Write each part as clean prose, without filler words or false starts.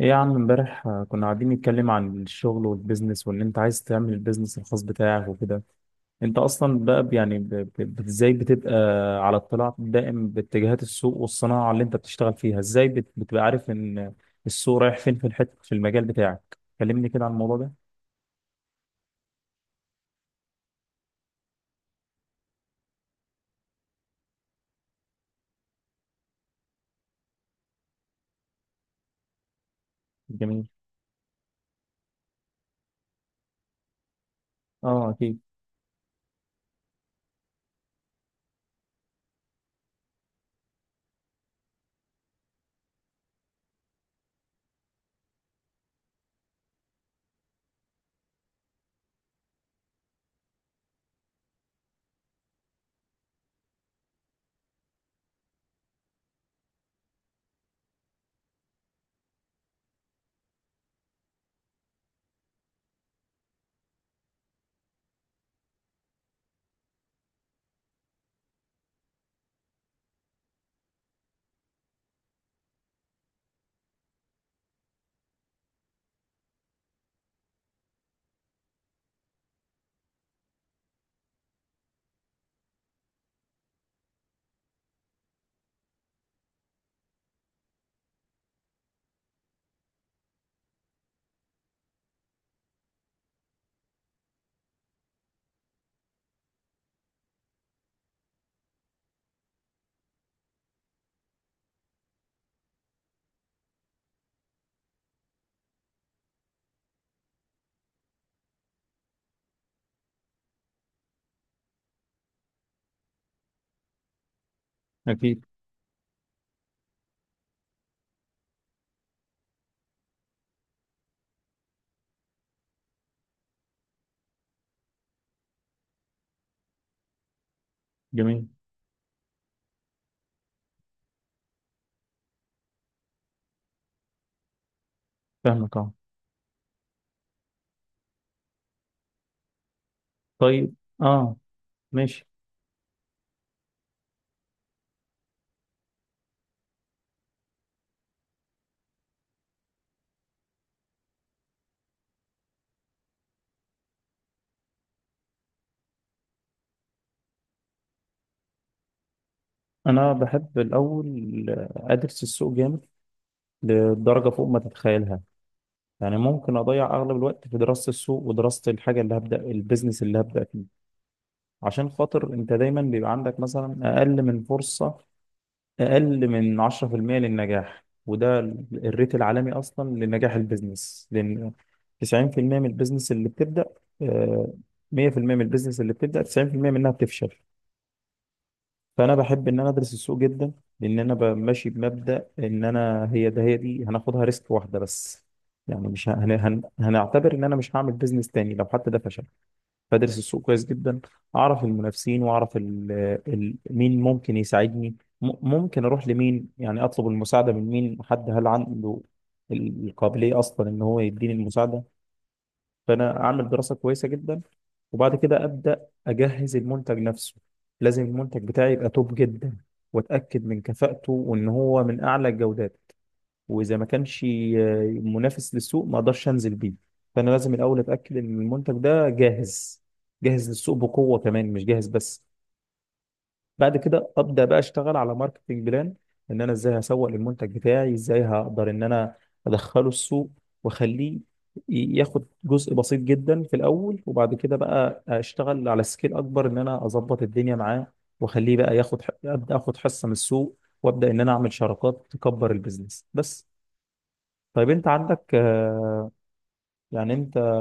ايه يا عم امبارح كنا قاعدين نتكلم عن الشغل والبيزنس وان انت عايز تعمل البيزنس الخاص بتاعك وكده. انت اصلا بقى ازاي بتبقى على اطلاع دائم باتجاهات السوق والصناعة اللي انت بتشتغل فيها، ازاي بتبقى عارف ان السوق رايح فين في الحتة في المجال بتاعك؟ كلمني كده عن الموضوع ده. جميل. اه اكيد. اكيد. جميل. فاهمك اه. طيب. اه. ماشي. انا بحب الاول ادرس السوق جامد لدرجة فوق ما تتخيلها. يعني ممكن اضيع اغلب الوقت في دراسه السوق ودراسه الحاجه اللي هبدا البيزنس اللي هبدا فيه. عشان خاطر انت دايما بيبقى عندك مثلا اقل من فرصه، اقل من 10% للنجاح، وده الريت العالمي اصلا لنجاح البيزنس، لان 90% من البيزنس اللي بتبدا، آه، 100% من البيزنس اللي بتبدا 90% منها بتفشل. فانا بحب ان انا ادرس السوق جدا، لان انا ماشي بمبدا ان انا هي ده هي دي هناخدها ريسك واحده بس. يعني مش هنعتبر ان انا مش هعمل بيزنس تاني لو حتى ده فشل. فادرس السوق كويس جدا، اعرف المنافسين واعرف مين ممكن يساعدني، ممكن اروح لمين، يعني اطلب المساعده من مين، حد هل عنده القابليه اصلا ان هو يديني المساعده. فانا اعمل دراسه كويسه جدا، وبعد كده ابدا اجهز المنتج نفسه. لازم المنتج بتاعي يبقى توب جدا، واتاكد من كفاءته وان هو من اعلى الجودات. واذا ما كانش منافس للسوق ما اقدرش انزل بيه. فانا لازم الاول اتاكد ان المنتج ده جاهز، جاهز للسوق بقوه كمان، مش جاهز بس. بعد كده ابدا بقى اشتغل على ماركتنج بلان، ان انا ازاي هسوق للمنتج بتاعي، ازاي هقدر ان انا ادخله السوق واخليه ياخد جزء بسيط جدا في الاول، وبعد كده بقى اشتغل على سكيل اكبر ان انا اظبط الدنيا معاه، واخليه بقى ياخد ح- ابدا اخد حصه من السوق، وابدا ان انا اعمل شراكات تكبر البيزنس بس. طيب انت عندك يعني انت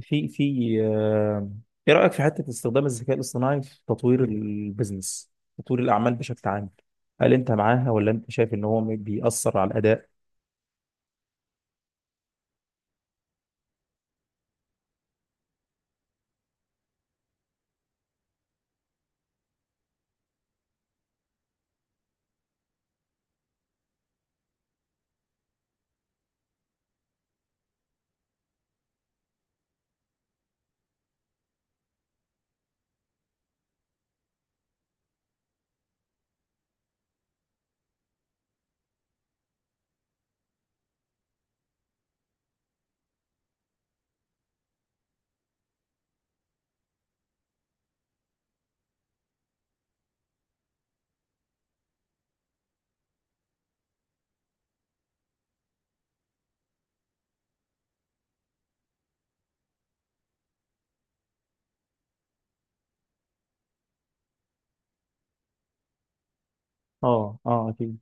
في في آه، ايه رأيك في حتة استخدام الذكاء الاصطناعي في تطوير البيزنس، تطوير الأعمال بشكل عام؟ هل انت معاها ولا انت شايف ان هو بيأثر على الأداء؟ اه. اه اكيد.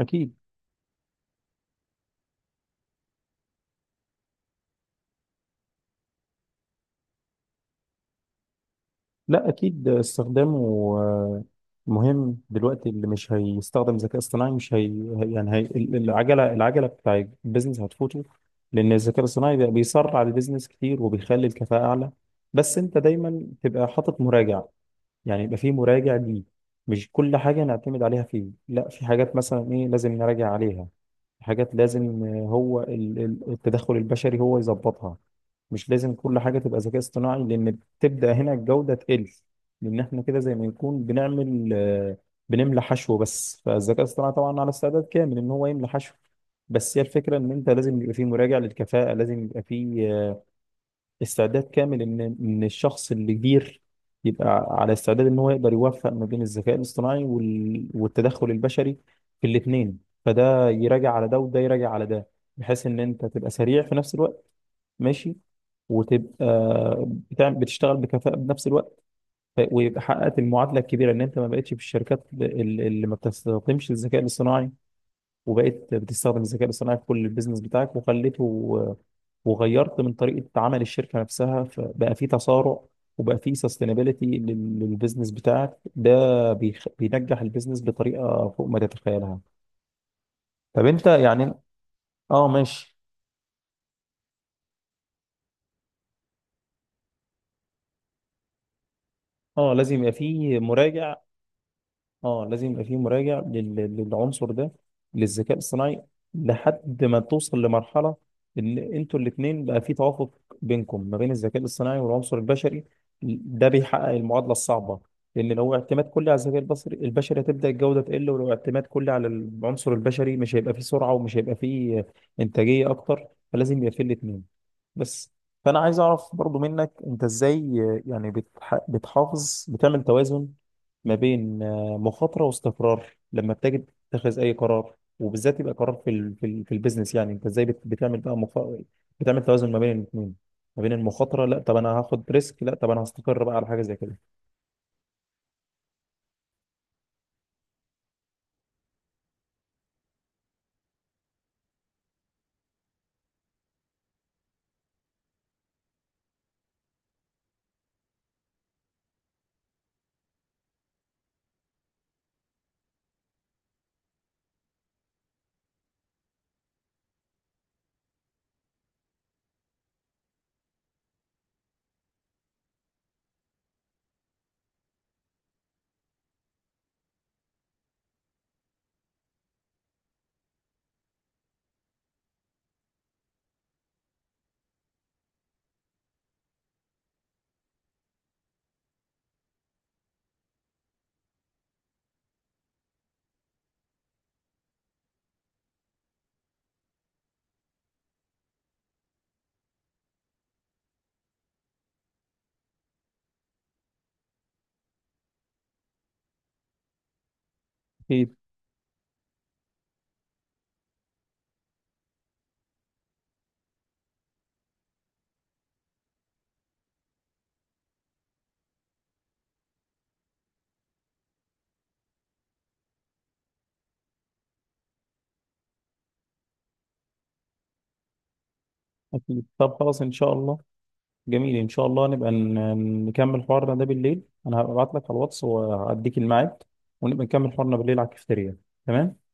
اكيد. لا اكيد استخدامه آه، مهم دلوقتي. اللي مش هيستخدم ذكاء اصطناعي مش هي هي- يعني العجله، العجله بتاع البيزنس هتفوته، لان الذكاء الاصطناعي بقى بيسرع البيزنس كتير وبيخلي الكفاءه اعلى. بس انت دايما تبقى حاطط مراجع، يعني يبقى في مراجع ليه. مش كل حاجة نعتمد عليها فيه، لا، في حاجات مثلا إيه لازم نراجع عليها. حاجات لازم التدخل البشري هو يظبطها. مش لازم كل حاجة تبقى ذكاء اصطناعي، لأن تبدأ هنا الجودة تقل، لأن إحنا كده زي ما نكون بنعمل، بنملى حشو بس. فالذكاء الاصطناعي طبعا على استعداد كامل إن هو يملى حشو، بس هي الفكرة إن أنت لازم يبقى فيه مراجع للكفاءة، لازم يبقى فيه استعداد كامل ان الشخص اللي كبير يبقى على استعداد ان هو يقدر يوفق ما بين الذكاء الاصطناعي والتدخل البشري في الاثنين، فده يراجع على ده وده يراجع على ده، بحيث ان انت تبقى سريع في نفس الوقت، ماشي، وتبقى بتشتغل بكفاءة بنفس الوقت. ويبقى حققت المعادلة الكبيرة ان انت ما بقتش في الشركات اللي ما بتستخدمش الذكاء الاصطناعي، وبقيت بتستخدم الذكاء الاصطناعي في كل البيزنس بتاعك وخليته، وغيرت من طريقة عمل الشركة نفسها، فبقى في تسارع وبقى في سستينابيلتي للبيزنس بتاعك، ده بينجح البيزنس بطريقة فوق ما تتخيلها. طب انت يعني اه ماشي. اه لازم يبقى في مراجع. اه لازم يبقى في مراجع للعنصر ده، للذكاء الصناعي، لحد ما توصل لمرحلة ان انتوا الاتنين بقى في توافق بينكم ما بين الذكاء الصناعي والعنصر البشري. ده بيحقق المعادلة الصعبة، لان لو اعتماد كلي على الذكاء البصري البشري هتبدأ الجودة تقل، ولو اعتماد كلي على العنصر البشري مش هيبقى فيه سرعة ومش هيبقى فيه انتاجية اكتر، فلازم يبقى فيه الاتنين بس. فانا عايز اعرف برضو منك، انت ازاي يعني بتحافظ، بتعمل توازن ما بين مخاطرة واستقرار لما بتيجي تتخذ أي قرار، وبالذات يبقى قرار في البيزنس؟ يعني أنت إزاي بتعمل بقى بتعمل توازن ما بين الاثنين، ما بين المخاطرة، لا طب أنا هاخد ريسك، لا طب أنا هستقر بقى على حاجة زي كده. أكيد. أكيد طب خلاص إن شاء الله. جميل، إن شاء الله نبقى نكمل حوارنا ده بالليل، أنا هبعت لك على الواتس وأديك الميعاد، ونبقى نكمل حوارنا بالليل على الكافتيريا. تمام.